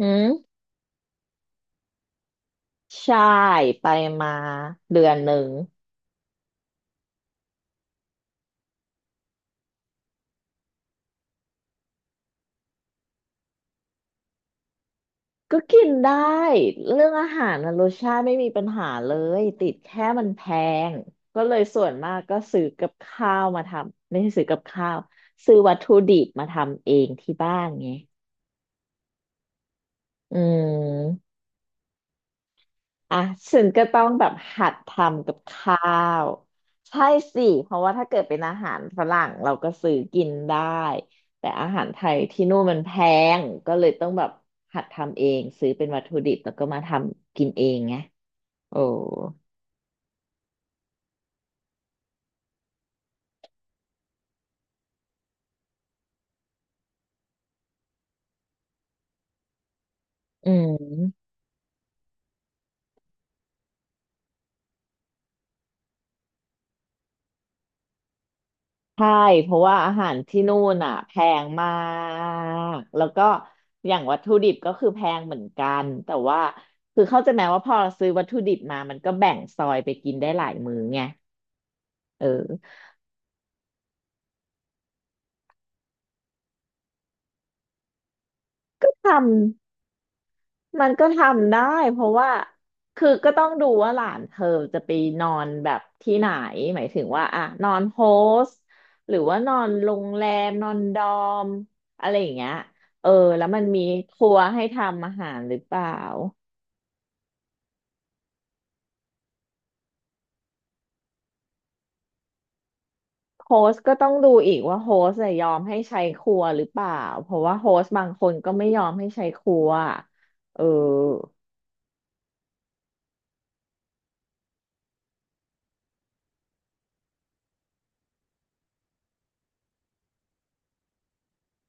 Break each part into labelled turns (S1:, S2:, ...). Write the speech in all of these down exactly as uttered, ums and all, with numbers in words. S1: อืมใช่ไปมาเดือนหนึ่งก็กินได้เรื่องอาหารนะรสชาติไม่มีปัญหาเลยติดแค่มันแพงก็เลยส่วนมากก็ซื้อกับข้าวมาทำไม่ใช่ซื้อกับข้าวซื้อวัตถุดิบมาทำเองที่บ้านไงอืม อ่ะฉันก็ต้องแบบหัดทำกับข้าวใช่สิเพราะว่าถ้าเกิดเป็นอาหารฝรั่งเราก็ซื้อกินได้แต่อาหารไทยที่นู่นมันแพงก็เลยต้องแบบหัดทำเองซื้อเป็นวัตถุดิบแล้วก็มาทำกินเองไงโอ้อืมใช่เพราะว่าอาหารที่นู่นอ่ะแพงมากแล้วก็อย่างวัตถุดิบก็คือแพงเหมือนกันแต่ว่าคือเข้าใจไหมว่าพอเราซื้อวัตถุดิบมามันก็แบ่งซอยไปกินได้หลายมื้อไง เออทำมันก็ทำได้เพราะว่าคือก็ต้องดูว่าหลานเธอจะไปนอนแบบที่ไหนหมายถึงว่าอ่ะนอนโฮสต์หรือว่านอนโรงแรมนอนดอมอะไรอย่างเงี้ยเออแล้วมันมีครัวให้ทำอาหารหรือเปล่าโฮสต์ก็ต้องดูอีกว่าโฮสต์จะยยอมให้ใช้ครัวหรือเปล่าเพราะว่าโฮสต์บางคนก็ไม่ยอมให้ใช้ครัวเออ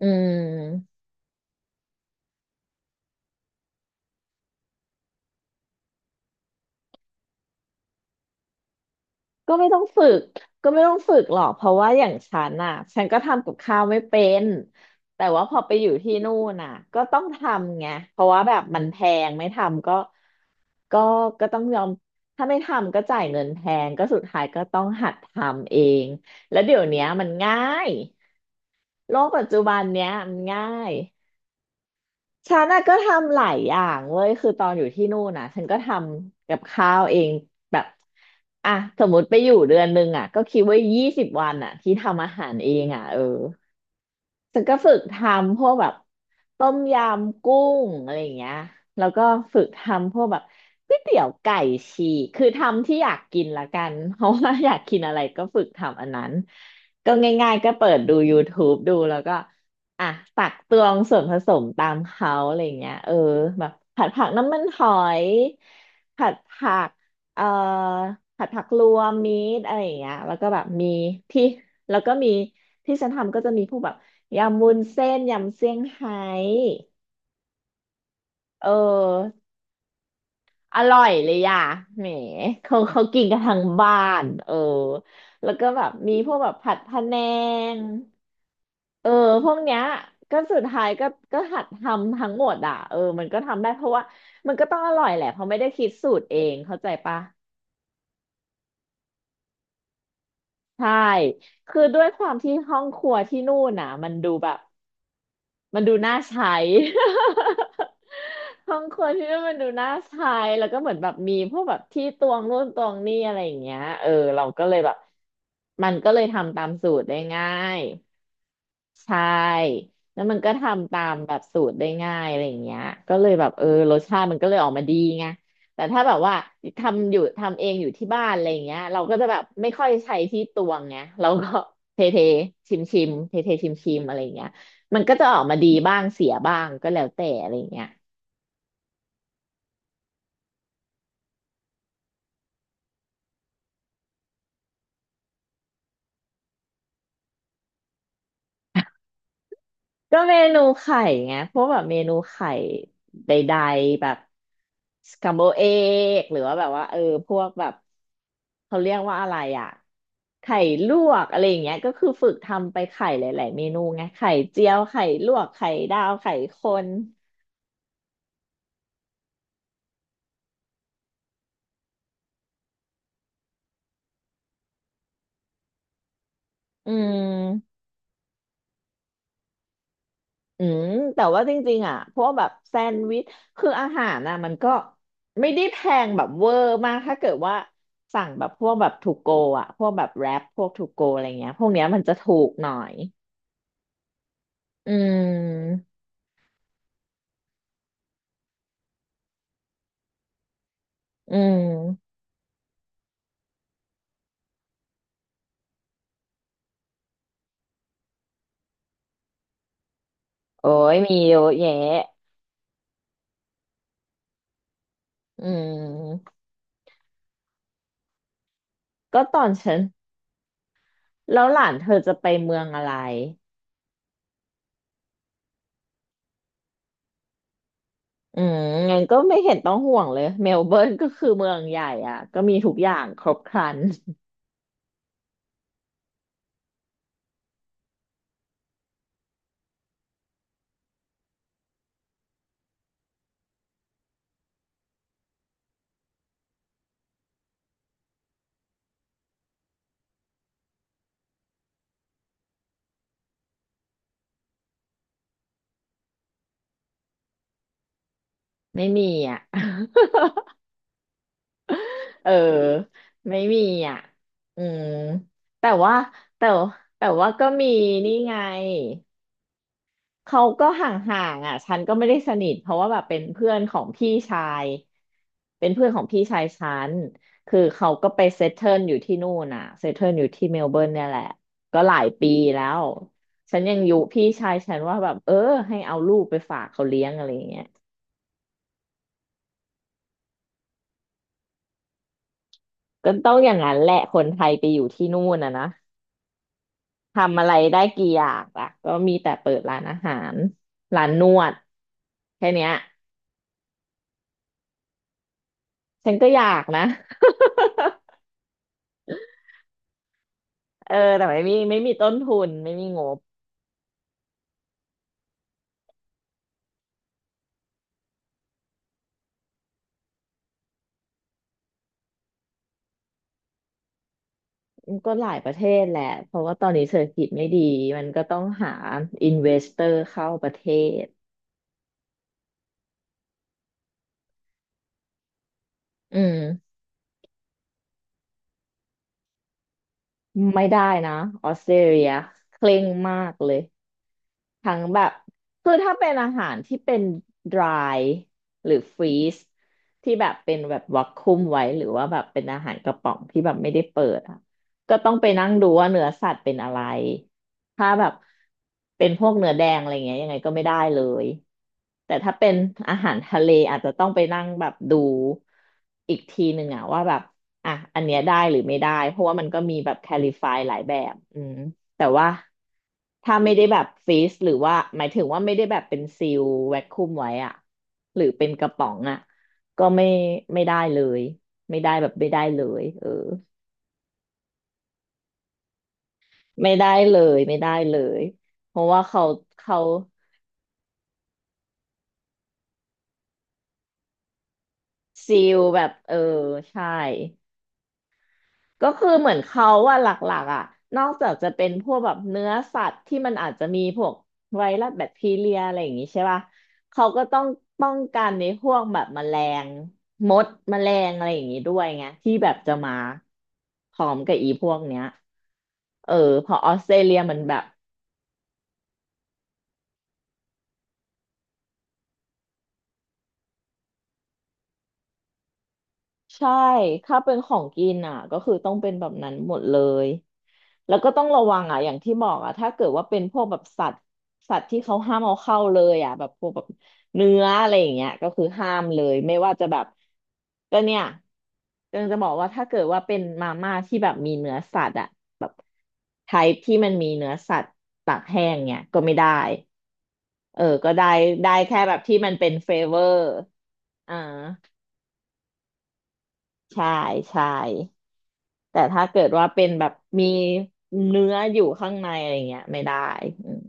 S1: อืม ก็ไม่ต้องฝึกก็ไม่ต้องฝึกหรอกเพราะว่าอย่างฉันน่ะฉันก็ทำกับข้าวไม่เป็นแต่ว่าพอไปอยู่ที่นู่นน่ะก็ต้องทำไงเพราะว่าแบบมันแพงไม่ทำก็ก็ก็ต้องยอมถ้าไม่ทำก็จ่ายเงินแพงก็สุดท้ายก็ต้องหัดทำเองแล้วเดี๋ยวเนี้ยมันง่ายโลกปัจจุบันเนี้ยมันง่าย ฉันน่ะก็ทำหลายอย่างเว้ยคือตอนอยู่ที่นู่นน่ะฉันก็ทำกับข้าวเองแบบอ่ะสมมติไปอยู่เดือนหนึ่งอ่ะก็คิดว่ายี่สิบวันอ่ะที่ทำอาหารเองอ่ะเออ ฉันก็ฝึกทำพวกแบบต้มยำกุ้งอะไรอย่างเงี้ยแล้วก็ฝึกทำพวกแบบก๋วยเตี๋ยวไก่ฉีกคือทำที่อยากกินละกัน เพราะว่าอยากกินอะไรก็ฝึกทำอันนั้นก็ง่ายๆก็เปิดดู ยูทูบ ดูแล้วก็อ่ะตักตวงส่วนผสมตามเขาอะไรอย่างเงี้ยเออแบบผัดผักน้ำมันหอยผัดผักเอ่อผัดผักรวมมีดอะไรอย่างเงี้ยแล้วก็แบบมีที่แล้วก็มีที่ฉันทำก็จะมีพวกแบบ ยำวุ้นเส้นยำเซี่ยงไฮ้เอออร่อยเลยอ่ะแหมเขาเขากินกันทั้งบ้านเออแล้วก็แบบมีพวกแบบผัดพะแนงเออพวกเนี้ยก็สุดท้ายก็ก็หัดทำทั้งหมดอ่ะเออมันก็ทำได้เพราะว่ามันก็ต้องอร่อยแหละเพราะไม่ได้คิดสูตรเองเข้าใจปะใช่คือด้วยความที่ห้องครัวที่นู่นน่ะมันดูแบบ มันดูน่าใช้ ห้องครัวที่นั่นมันดูน่าใช้แล้วก็เหมือนแบบมีพวกแบบที่ตวงนู่นตวงนี่อะไรอย่างเงี้ยเออเราก็เลยแบบมันก็เลยทำตามสูตรได้ง่าย ใช่แล้วมันก็ทำตามแบบสูตรได้ง่ายอะไรอย่างเงี้ยก็เลยแบบเออรสชาติมันก็เลยออกมาดีไงแต่ถ้าแบบว่าทำอยู่ทำเองอยู่ที่บ้านอะไรอย่างเงี้ยเราก็จะแบบไม่ค่อยใช้ที่ตวงไงเราก็เทเทชิมชิมเทเทชิมชิมๆอะไรอย่างเงี้ยมันก็จะออกมาดีบ้างเสียบ้างก็แล้วแต่อะไรอย่างเงี้ยก็เมนูไข่ไงพวกแบบเมนูไข่ใดๆแบบสคัมโบเอกหรือว่าแบบว่าเออพวกแบบเขาเรียกว่าอะไรอ่ะ ไข่ลวกอะไรอย่างเงี้ยก็คือฝึกทำไปไข่หลายๆเมนูไงไข่เจียวไข่ลวกไข่ดาวไข่คนอืมอืมแต่ว่าจริงๆอ่ะพวกแบบแซนด์วิชคืออาหารน่ะมันก็ไม่ได้แพงแบบเวอร์มากถ้าเกิดว่าสั่งแบบพวกแบบทูโกอ่ะพวกแบบแรปพวกทูโกอะไรเงี้ยพวกเนี้ยมันจะถูกหน่อยอืมอืมโอ้ยมีเยอะแยะอืมก็ตอนฉันแล้วหลานเธอจะไปเมืองอะไร อืมงั้นก็ไม่เห็นต้องห่วงเลย เมลเบิร์นก็คือเมืองใหญ่อ่ะ ก็มีทุกอย่างครบครัน ไม่มีอ่ะ เออ ไม่มีอ่ะอืมแต่ว่าแต่แต่ว่าก็มีนี่ไง เขาก็ห่างๆอ่ะฉันก็ไม่ได้สนิทเพราะว่าแบบเป็นเพื่อนของพี่ชายเป็นเพื่อนของพี่ชายฉันคือเขาก็ไปเซตเทิลอยู่ที่นู่นอ่ะเซตเทิลอยู่ที่เมลเบิร์นเนี่ยแหละก็หลายปีแล้วฉันยังอยู่พี่ชายฉันว่าแบบเออให้เอาลูกไปฝากเขาเลี้ยงอะไรอย่างเงี้ยก็ต้องอย่างนั้นแหละคนไทยไปอยู่ที่นู่นอ่ะนะทำอะไรได้กี่อย่างล่ะก็มีแต่เปิดร้านอาหารร้านนวดแค่เนี้ยฉันก็อยากนะ เออแต่ไม่มีไม่มีต้นทุนไม่มีงบก็หลายประเทศแหละเพราะว่าตอนนี้เศรษฐกิจไม่ดีมันก็ต้องหาอินเวสเตอร์เข้าประเทศอืมไม่ได้นะออสเตรเลียเคร่งมากเลย ทั้งแบบคือถ้าเป็นอาหารที่เป็น dry หรือ freeze ที่แบบเป็นแบบวักคุมไว้หรือว่าแบบเป็นอาหารกระป๋องที่แบบไม่ได้เปิดอ่ะก็ต้องไปนั่งดูว่าเนื้อสัตว์เป็นอะไรถ้าแบบเป็นพวกเนื้อแดงอะไรเงี้ยยังไงก็ไม่ได้เลยแต่ถ้าเป็นอาหารทะเลอาจจะต้องไปนั่งแบบดูอีกทีหนึ่งอ่ะว่าแบบอ่ะอันเนี้ยได้หรือไม่ได้เพราะว่ามันก็มีแบบแคลิฟายหลายแบบอืม แต่ว่าถ้าไม่ได้แบบฟรีซหรือว่าหมายถึงว่าไม่ได้แบบเป็นซีลแวคคุมไว้อะหรือเป็นกระป๋องอะก็ไม่ไม่ได้เลยไม่ได้แบบไม่ได้เลยเออไม่ได้เลยไม่ได้เลยเพราะว่าเขาเขาซีลแบบเออใช่ ก็คือเหมือนเขาว่าหลักๆอ่ะนอกจากจะเป็นพวกแบบเนื้อสัตว์ที่มันอาจจะมีพวกไวรัสแบคทีเรียอะไรอย่างงี้ใช่ป่ะเขาก็ต้องป้องกันในพวกแบบแมลงมดแมลงอะไรอย่างงี้ด้วยไงที่แบบจะมาพร้อมกับอีพวกเนี้ยเออเพอออสเตรเลียมันแบบ ใช่ถ้าเป็นของกินอ่ะก็คือต้องเป็นแบบนั้นหมดเลย แล้วก็ต้องระวังอ่ะอย่างที่บอกอ่ะถ้าเกิดว่าเป็นพวกแบบสัตว์สัตว์ที่เขาห้ามเอาเข้าเลยอ่ะแบบพวกแบบเนื้ออะไรอย่างเงี้ยก็คือห้ามเลยไม่ว่าจะแบบก็เนี่ยก็จะบอกว่าถ้าเกิดว่าเป็นมาม่าที่แบบมีเนื้อสัตว์อ่ะแบบไทป์ที่มันมีเนื้อสัตว์ตากแห้งเนี่ยก็ไม่ได้เออก็ได้ได้แค่แบบที่มันเป็นเฟเวอร์อ่าใช่ใช่ แต่ถ้าเกิดว่าเป็นแบบมีเนื้ออยู่ข้างในอะไรเงี้ยไม่ได้อืม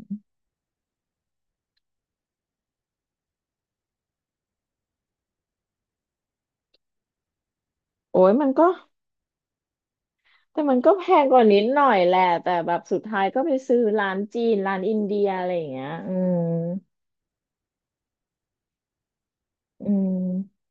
S1: โอ้ยมันก็แต่มันก็แพงกว่านิดหน่อยแหละ แต่แบบสุดท้ายก็ไปซื้อร้านจีน ร้านอินเดียอะไรอย่างเงี้ยอืมอืม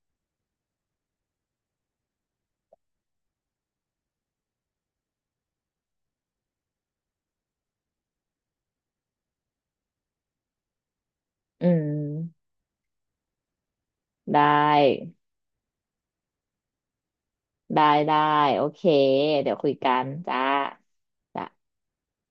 S1: อืมได้ ได้ ได้ โอเค เดี๋ยวคุยกันจ้าจ้า